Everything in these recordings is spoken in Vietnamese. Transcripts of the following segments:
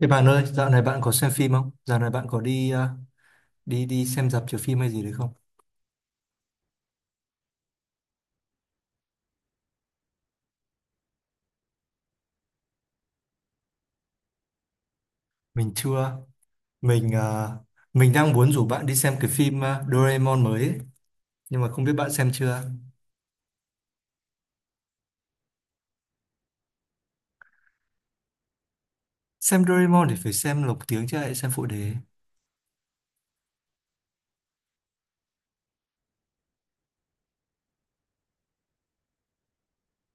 Thế bạn ơi, dạo này bạn có xem phim không? Dạo này bạn có đi ờ, đi đi xem rạp chiếu phim hay gì đấy không? Mình chưa. Mình ờ, mình đang muốn rủ bạn đi xem cái phim Doraemon mới ấy. Nhưng mà không biết bạn xem chưa. Xem Doraemon thì phải xem lục tiếng chứ lại xem phụ đề.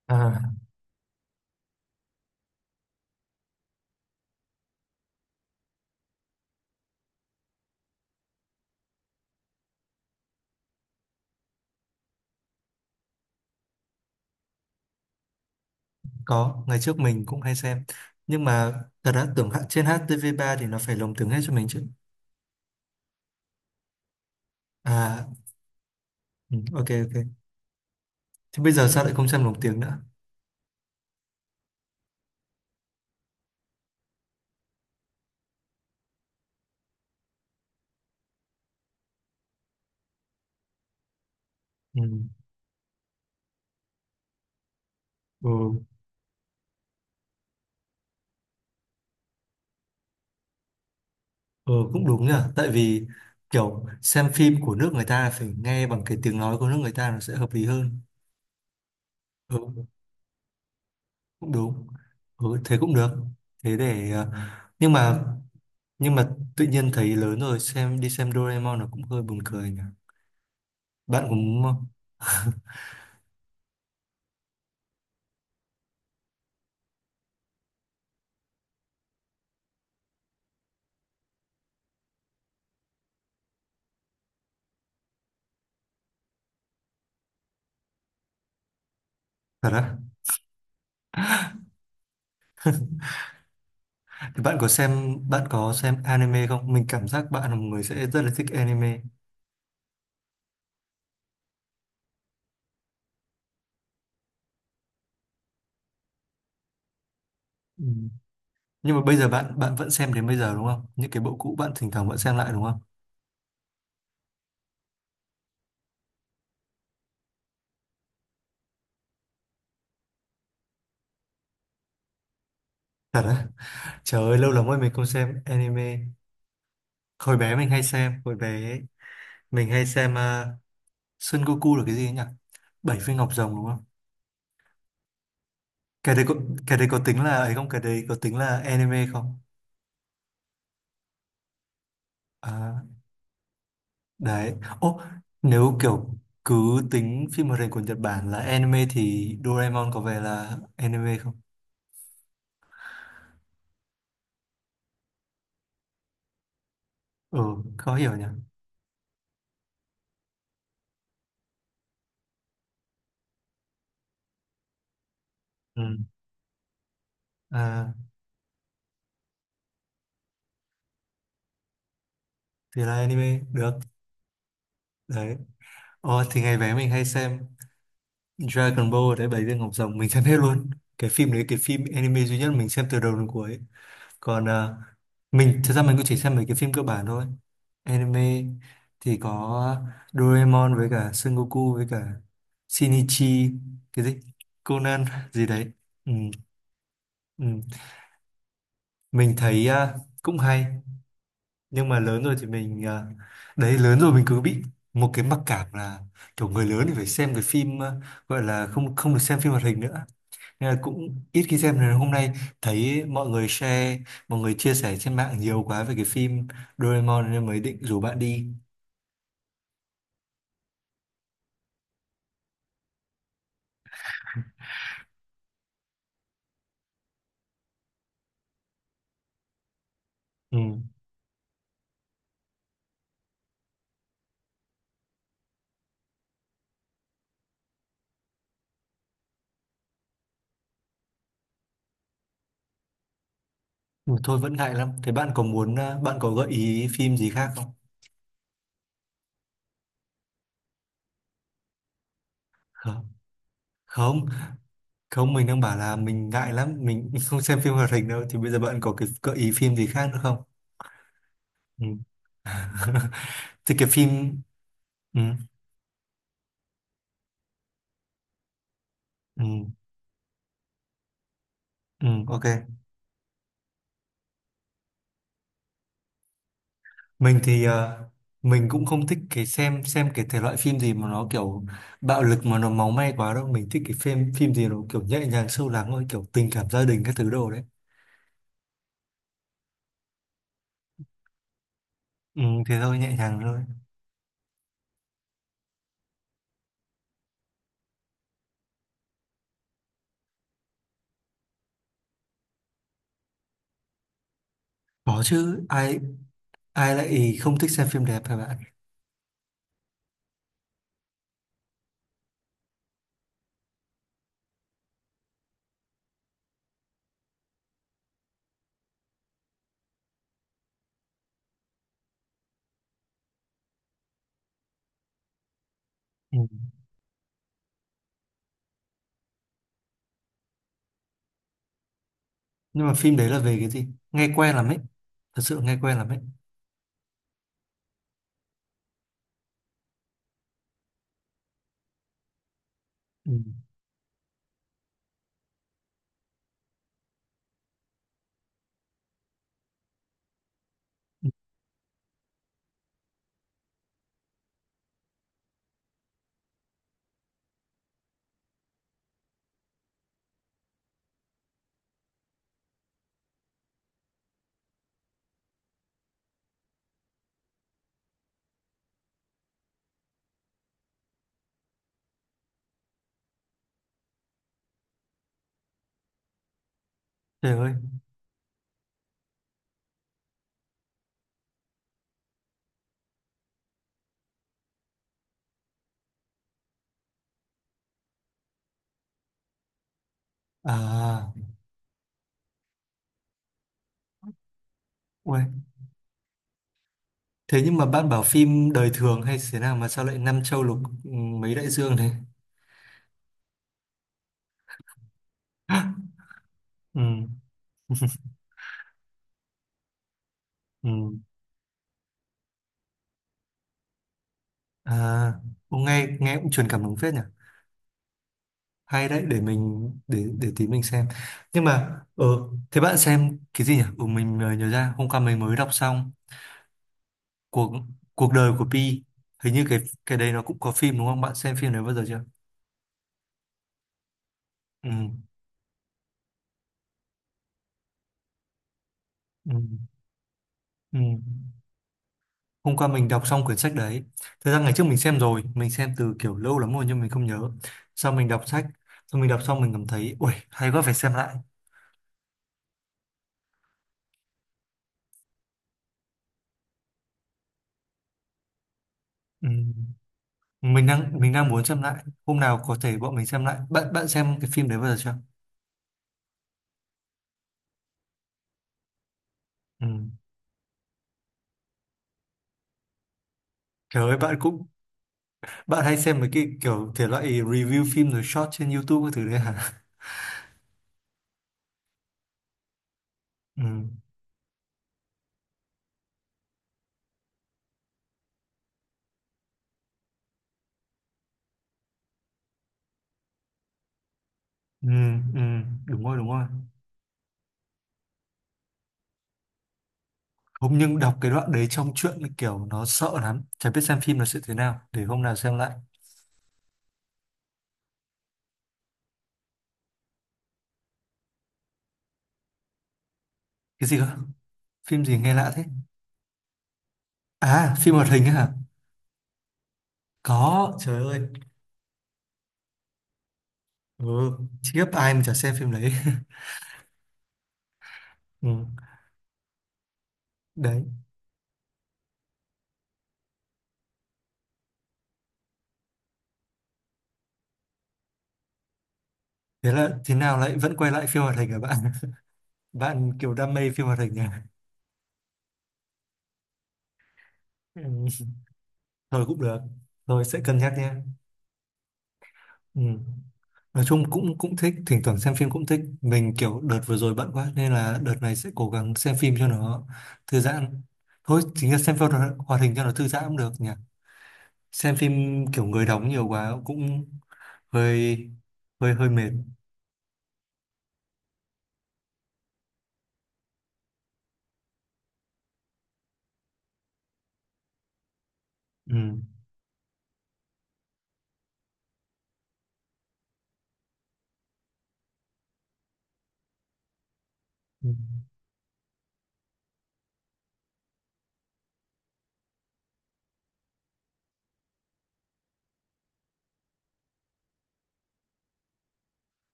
À, có, ngày trước mình cũng hay xem. Nhưng mà thật ra tưởng trên HTV3 thì nó phải lồng tiếng hết cho mình chứ. À, ừ, ok, ok. Thế bây giờ sao lại không xem lồng tiếng nữa? Ừ. Ừ. Ừ cũng đúng nhỉ. Tại vì kiểu xem phim của nước người ta phải nghe bằng cái tiếng nói của nước người ta, nó sẽ hợp lý hơn. Ừ cũng đúng. Ừ thế cũng được. Thế để, Nhưng mà Nhưng mà tự nhiên thấy lớn rồi đi xem Doraemon nó cũng hơi buồn cười nhỉ. Bạn cũng. Thật á. Thì bạn có xem, bạn có xem anime không? Mình cảm giác bạn là một người sẽ rất là thích anime. Ừ. Nhưng mà bây giờ bạn Bạn vẫn xem đến bây giờ đúng không? Những cái bộ cũ bạn thỉnh thoảng vẫn xem lại đúng không? Thật á. Trời ơi lâu lắm rồi mình không xem anime. Hồi bé mình hay xem Son Goku là cái gì ấy nhỉ, bảy viên ngọc rồng đúng không? Cái đấy có cái đấy có tính là ấy không, cái đấy có tính là anime không? À, đấy, ô, nếu kiểu cứ tính phim hoạt hình của Nhật Bản là anime thì Doraemon có vẻ là anime không? Ừ, khó hiểu nhỉ. Ừ. À, thì là anime được. Đấy, ô, thì ngày bé mình hay xem Dragon Ball đấy, bảy viên ngọc rồng mình xem hết luôn. Cái phim đấy, cái phim anime duy nhất mình xem từ đầu đến cuối. Còn mình thật ra mình cũng chỉ xem mấy cái phim cơ bản thôi. Anime thì có Doraemon với cả Son Goku với cả Shinichi, cái gì, Conan gì đấy. Ừ, ừ. Mình thấy cũng hay nhưng mà lớn rồi thì đấy lớn rồi mình cứ bị một cái mặc cảm là kiểu người lớn thì phải xem cái phim, gọi là không không được xem phim hoạt hình nữa. Nên là cũng ít khi xem. Rồi hôm nay thấy mọi người share, mọi người chia sẻ trên mạng nhiều quá về cái phim Doraemon nên mới định rủ bạn đi. Ừ. Ừ, thôi vẫn ngại lắm. Thế bạn có muốn, bạn có gợi ý phim gì khác không? Không. Không, không, mình đang bảo là mình ngại lắm, mình không xem phim hoạt hình đâu. Thì bây giờ bạn có cái gợi ý phim gì khác nữa không? Ừ. Thì cái phim... Ừ, ừ, ừ, ok. Mình thì mình cũng không thích cái xem cái thể loại phim gì mà nó kiểu bạo lực mà nó máu me quá đâu. Mình thích cái phim phim gì nó kiểu nhẹ nhàng sâu lắng thôi, kiểu tình cảm gia đình các thứ đồ đấy. Ừ, thế thôi nhẹ nhàng thôi. Có chứ, ai, ai lại không thích xem phim đẹp hả bạn. Ừ. Nhưng mà phim đấy là về cái gì? Nghe quen lắm ấy, thật sự nghe quen lắm ấy. Ừ. Ừ, trời ơi. À, ui. Thế nhưng mà bạn bảo phim đời thường hay thế nào mà sao lại năm châu lục, ừ, mấy đại dương thế? Ừ. Ừ. À, cũng nghe, nghe cũng truyền cảm hứng phết nhỉ. Hay đấy, để mình, để tí mình xem. Nhưng mà thế bạn xem cái gì nhỉ? Ừ, mình nhớ ra hôm qua mình mới đọc xong cuộc cuộc đời của Pi. Hình như cái đấy nó cũng có phim đúng không? Bạn xem phim đấy bao giờ chưa? Ừ, ừ, ừ. Hôm qua mình đọc xong quyển sách đấy. Thật ra ngày trước mình xem rồi, mình xem từ kiểu lâu lắm rồi nhưng mình không nhớ. Sau mình đọc sách, xong mình đọc xong mình cảm thấy ui hay quá phải xem lại. Ừ. Mình đang muốn xem lại, hôm nào có thể bọn mình xem lại. Bạn bạn xem cái phim đấy bao giờ chưa? Ừ. Trời ơi bạn cũng, bạn hay xem mấy cái kiểu thể loại review phim rồi short trên YouTube cái thứ đấy hả? Ừ. Ừ. Ừ. Đúng rồi, đúng rồi. Hôm nhưng đọc cái đoạn đấy trong truyện là kiểu nó sợ lắm, chả biết xem phim là sẽ thế nào, để hôm nào xem lại. Cái gì cơ? Phim gì nghe lạ thế? À phim hoạt hình ấy hả? Có, trời ơi. Ừ. Khiếp, ai mà chả xem phim đấy. Ừ. Đấy. Thế là thế nào lại vẫn quay lại phim hoạt hình hả bạn? Bạn kiểu đam mê phim hoạt hình nha. Ừ. Thôi cũng được. Thôi sẽ cân nhắc nha. Ừ. Nói chung cũng cũng thích, thỉnh thoảng xem phim cũng thích. Mình kiểu đợt vừa rồi bận quá nên là đợt này sẽ cố gắng xem phim cho nó thư giãn. Thôi chính là xem phim hoạt hoạt hình cho nó thư giãn cũng được nhỉ. Xem phim kiểu người đóng nhiều quá cũng hơi hơi hơi mệt. Ừ. Ừ.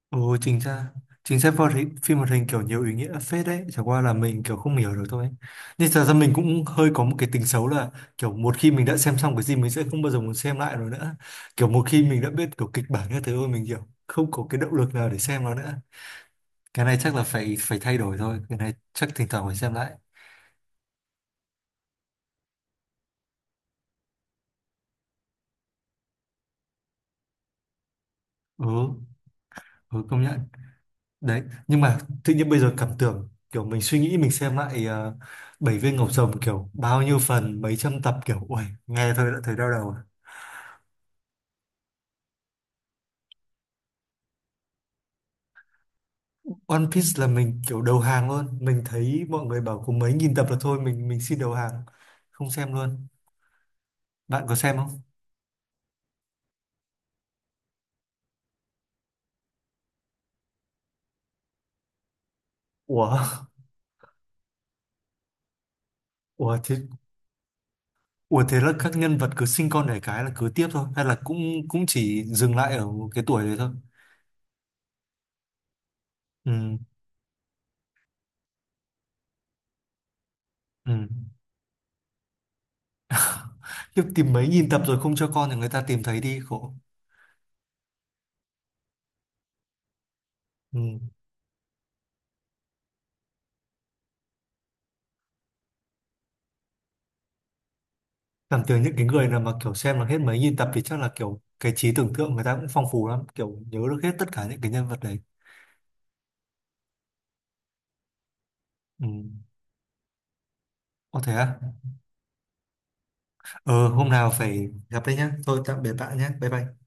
Ồ chính ra phim hoạt hình, kiểu nhiều ý nghĩa phết đấy, chẳng qua là mình kiểu không hiểu được thôi. Nhưng thật ra mình cũng hơi có một cái tính xấu là kiểu một khi mình đã xem xong cái gì mình sẽ không bao giờ muốn xem lại rồi nữa. Kiểu một khi mình đã biết kiểu kịch bản như thế rồi mình kiểu không có cái động lực nào để xem nó nữa. Cái này chắc là phải phải thay đổi thôi, cái này chắc thỉnh thoảng phải xem lại. Ừ, ừ, công nhận. Đấy, nhưng mà tự nhiên bây giờ cảm tưởng kiểu mình suy nghĩ mình xem lại bảy viên ngọc rồng kiểu bao nhiêu phần mấy trăm tập kiểu ui nghe thôi đã thấy đau đầu. One Piece là mình kiểu đầu hàng luôn, mình thấy mọi người bảo có mấy nghìn tập là thôi, mình xin đầu hàng, không xem luôn. Bạn có xem không? Ủa. Ủa thế. Ủa thế là các nhân vật cứ sinh con đẻ cái là cứ tiếp thôi hay là cũng cũng chỉ dừng lại ở một cái tuổi đấy thôi? Ừ, ừ. Chứ tìm mấy nghìn tập rồi không cho con thì người ta tìm thấy đi khổ. Ừ. Cảm tưởng những cái người nào mà kiểu xem là hết mấy nghìn tập thì chắc là kiểu cái trí tưởng tượng người ta cũng phong phú lắm, kiểu nhớ được hết tất cả những cái nhân vật đấy. Ừ. Ồ thế à. Ờ, hôm nào phải gặp đấy nhá. Thôi tạm biệt bạn nhé. Bye bye.